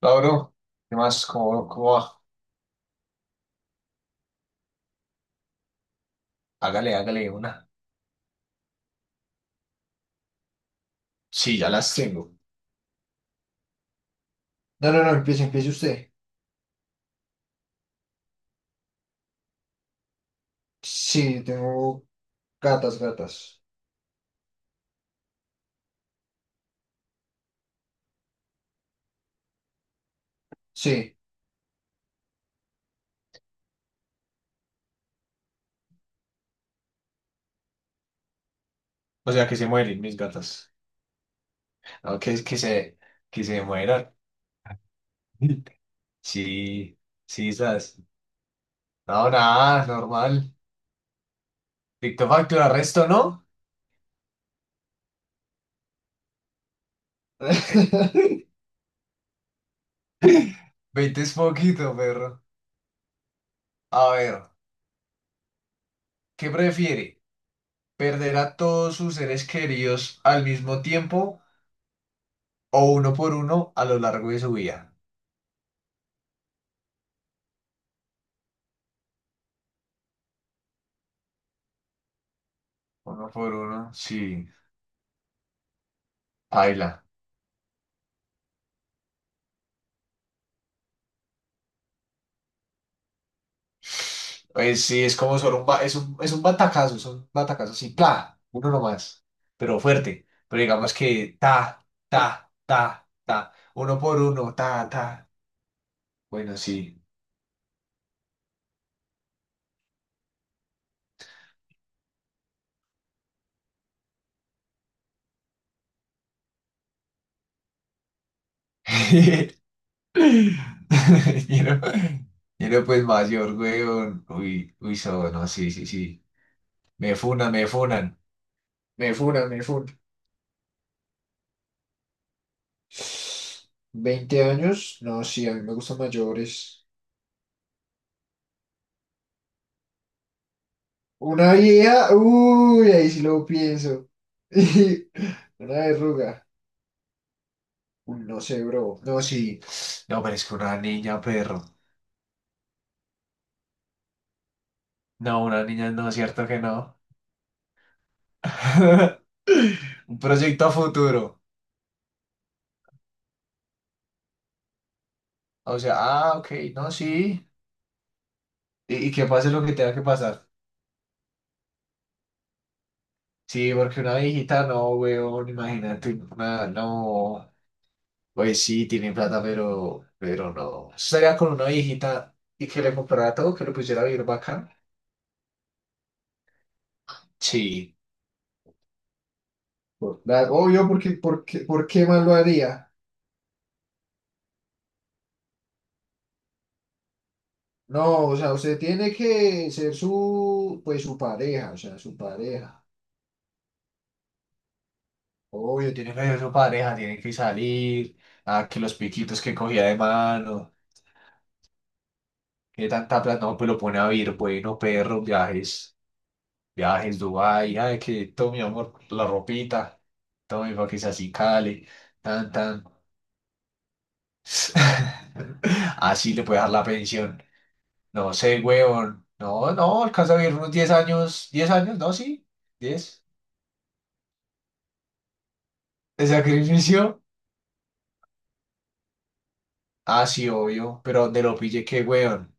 Hola, bro. ¿Qué más? ¿¿Cómo va? Hágale, hágale una. Sí, ya las tengo. No, no, no, empiece, empiece usted. Sí, tengo gatas, gatas. Sí, o sea, que se mueren mis gatas. No, que se mueran. Sí, sí, esas. No, nada, normal. Dicto facto arresto, ¿no? 20 es poquito, perro. A ver, ¿qué prefiere? ¿Perder a todos sus seres queridos al mismo tiempo o uno por uno a lo largo de su vida? Uno por uno, sí. Baila. Pues sí, es como solo un, ba- es un batacazo, son batacazos, sí. ¡Pla! Uno nomás, pero fuerte. Pero digamos que ta, ta, ta, ta. Uno por uno, ta, ta. Bueno, sí. Quiero, quiero pues mayor, weón. Uy, uy, so, no, sí, sí, sí. Me funan, me funan. Me funan, me funan. 20 años, no, sí, a mí me gustan mayores. Una vieja, uy, ahí sí lo pienso. Una verruga, uy, no sé, bro. No, sí, no, pero es que una niña, perro. No, una niña, no, cierto que no. Un proyecto a futuro. O sea, ah, ok, no, sí. Y que pase lo que tenga que pasar. Sí, porque una viejita, no, weón, imagínate, una, no. Pues sí, tiene plata, pero no. Estaría con una viejita y que le comprara todo, que le pusiera a vivir bacán. Sí. Obvio, ¿por qué más lo haría? No, o sea, usted tiene que ser su, pues su pareja, o sea, su pareja. Obvio, tiene que ser su pareja, tiene que salir. A que los piquitos que cogía de mano. Que tanta plata, no, pues lo pone a vivir. Bueno, perro, viajes. Viajes en Dubái, ay, que todo mi amor, la ropita, todo mi pa' que se acicale, tan, tan. Así le puede dar la pensión. No sé, huevón. No, no, alcanza a vivir unos 10 años. ¿10 años? No, sí. 10. ¿De sacrificio? Ah, sí, obvio. Pero donde lo pille, qué huevón.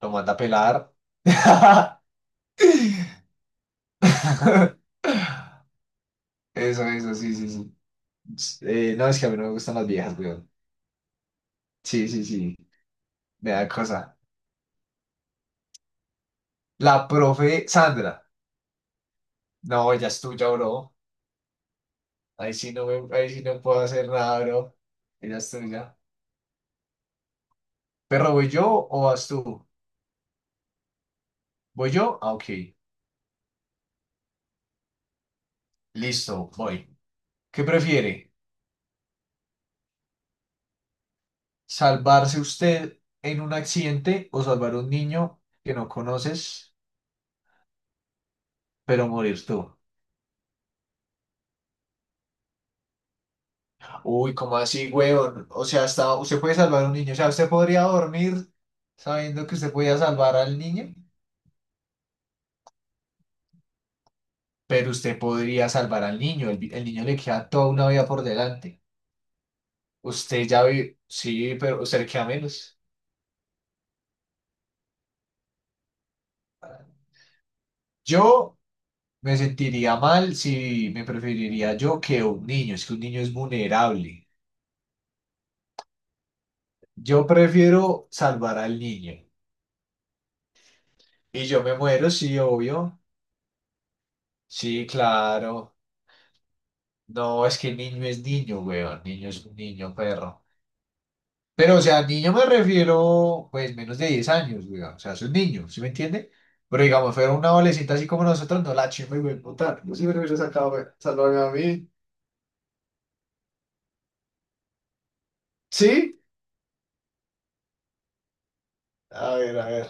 Lo manda a pelar. Eso, sí, sí, sí. No, es que a mí no me gustan las viejas, weón. Sí, sí, sí. Me da cosa. La profe Sandra. No, ella es tuya, bro. Ahí sí no puedo hacer nada, bro. Ella es tuya. Perro, ¿voy yo o vas tú? ¿Voy yo? Ah, ok. Listo, voy. ¿Qué prefiere? ¿Salvarse usted en un accidente o salvar a un niño que no conoces, pero morir tú? Uy, ¿cómo así, weón? O sea, hasta usted puede salvar a un niño. O sea, usted podría dormir sabiendo que usted podía salvar al niño. Pero usted podría salvar al niño, el niño le queda toda una vida por delante. Usted ya ve, sí, pero usted le queda menos. Yo me sentiría mal si me preferiría yo que un niño, es que un niño es vulnerable. Yo prefiero salvar al niño. Y yo me muero, sí, obvio. Sí, claro. No, es que el niño es niño, weón. Niño es un niño, perro. Pero, o sea, niño me refiero, pues, menos de 10 años, güey. O sea, es un niño, ¿sí me entiende? Pero digamos, fuera una adolescente así como nosotros, no la chimba y güey, puta. Yo sí me hubiera sacado, güey. Salvarme a mí. ¿Sí? A ver, a ver.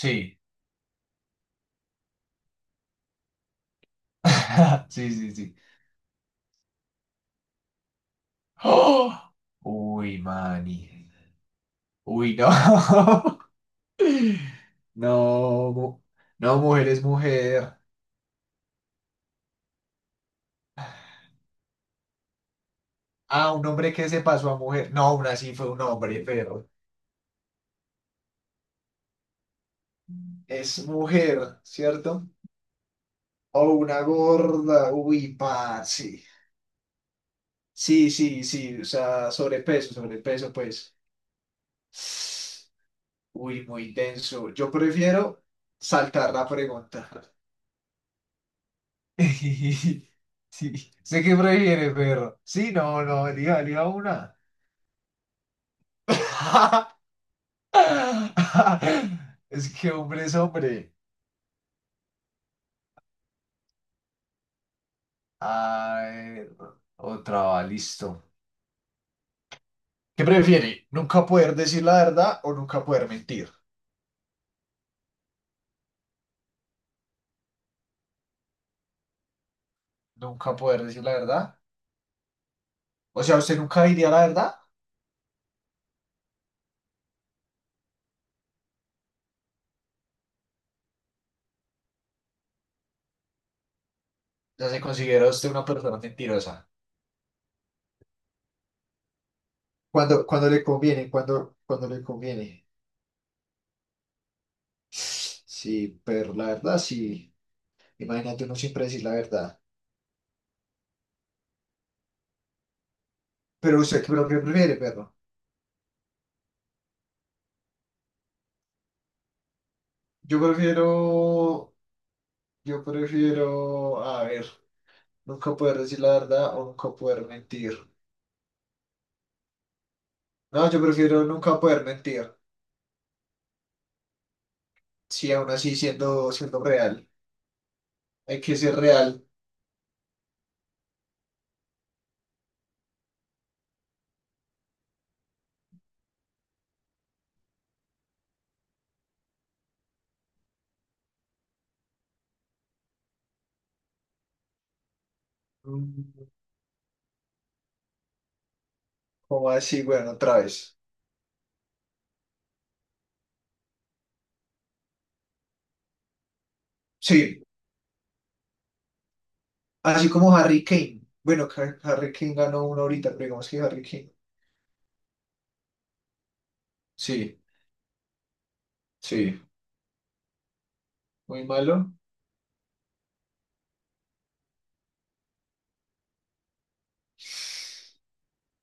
Sí. Sí, sí, sí. ¡Oh! Uy, mani. Uy, no. No, mu- no, mujer es mujer. Ah, un hombre que se pasó a mujer. No, aún así fue un hombre, pero es mujer, ¿cierto? O una gorda. Uy, parce. Sí, sí, sí. O sea, sobrepeso, sobrepeso, pues. Uy, muy denso. Yo prefiero saltar la pregunta. Sí, sé que prefieres, perro. Sí, no, no, elija, elija una. Es que hombre es hombre. A ver, otra va, listo. ¿Qué prefiere? ¿Nunca poder decir la verdad o nunca poder mentir? Nunca poder decir la verdad. O sea, usted nunca diría la verdad. Ya se considera usted una persona mentirosa. Cuando le conviene, cuando le conviene. Sí, pero la verdad, sí. Imagínate uno siempre decir la verdad. Pero usted, ¿pero qué prefiere, perro? Yo prefiero, a ver, nunca poder decir la verdad o nunca poder mentir. No, yo prefiero nunca poder mentir. Sí, aún así siendo real. Hay que ser real. Mm, ¿Cómo así? Bueno, otra vez. Sí. Así como Harry Kane. Bueno, Harry Kane ganó uno ahorita, pero digamos que Harry Kane. Sí, sí, muy malo.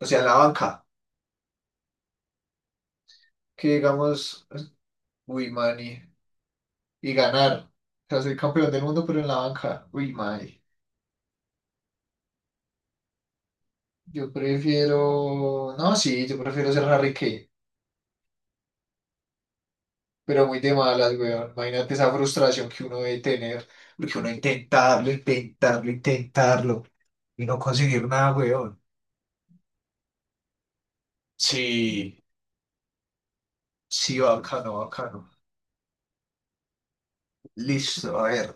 O sea, en la banca, que digamos, uy, mani, y ganar. O sea, soy campeón del mundo, pero en la banca, uy, mani. Yo prefiero, no, sí, yo prefiero ser Harry Kane, pero muy de malas, weón. Imagínate esa frustración que uno debe tener, porque uno intentarlo, intentarlo, intentarlo, y no conseguir nada, weón. Sí, sí, bacano, bacano. Listo, a ver.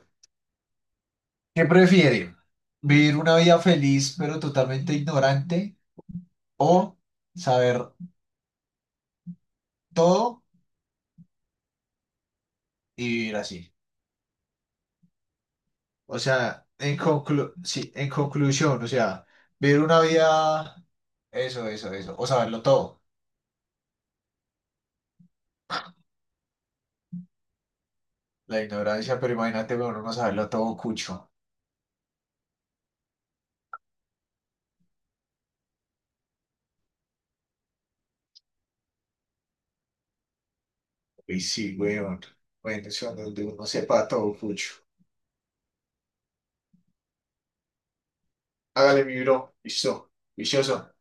¿Qué prefiere? ¿Vivir una vida feliz pero totalmente ignorante o saber todo y vivir así? O sea, en sí, en conclusión, o sea, vivir una vida, eso, o saberlo todo. La ignorancia, pero imagínate, bueno, no saberlo todo cucho. Y sí, weón. Bueno, eso donde uno sepa todo cucho. Hágale, mi bro, listo, vicioso.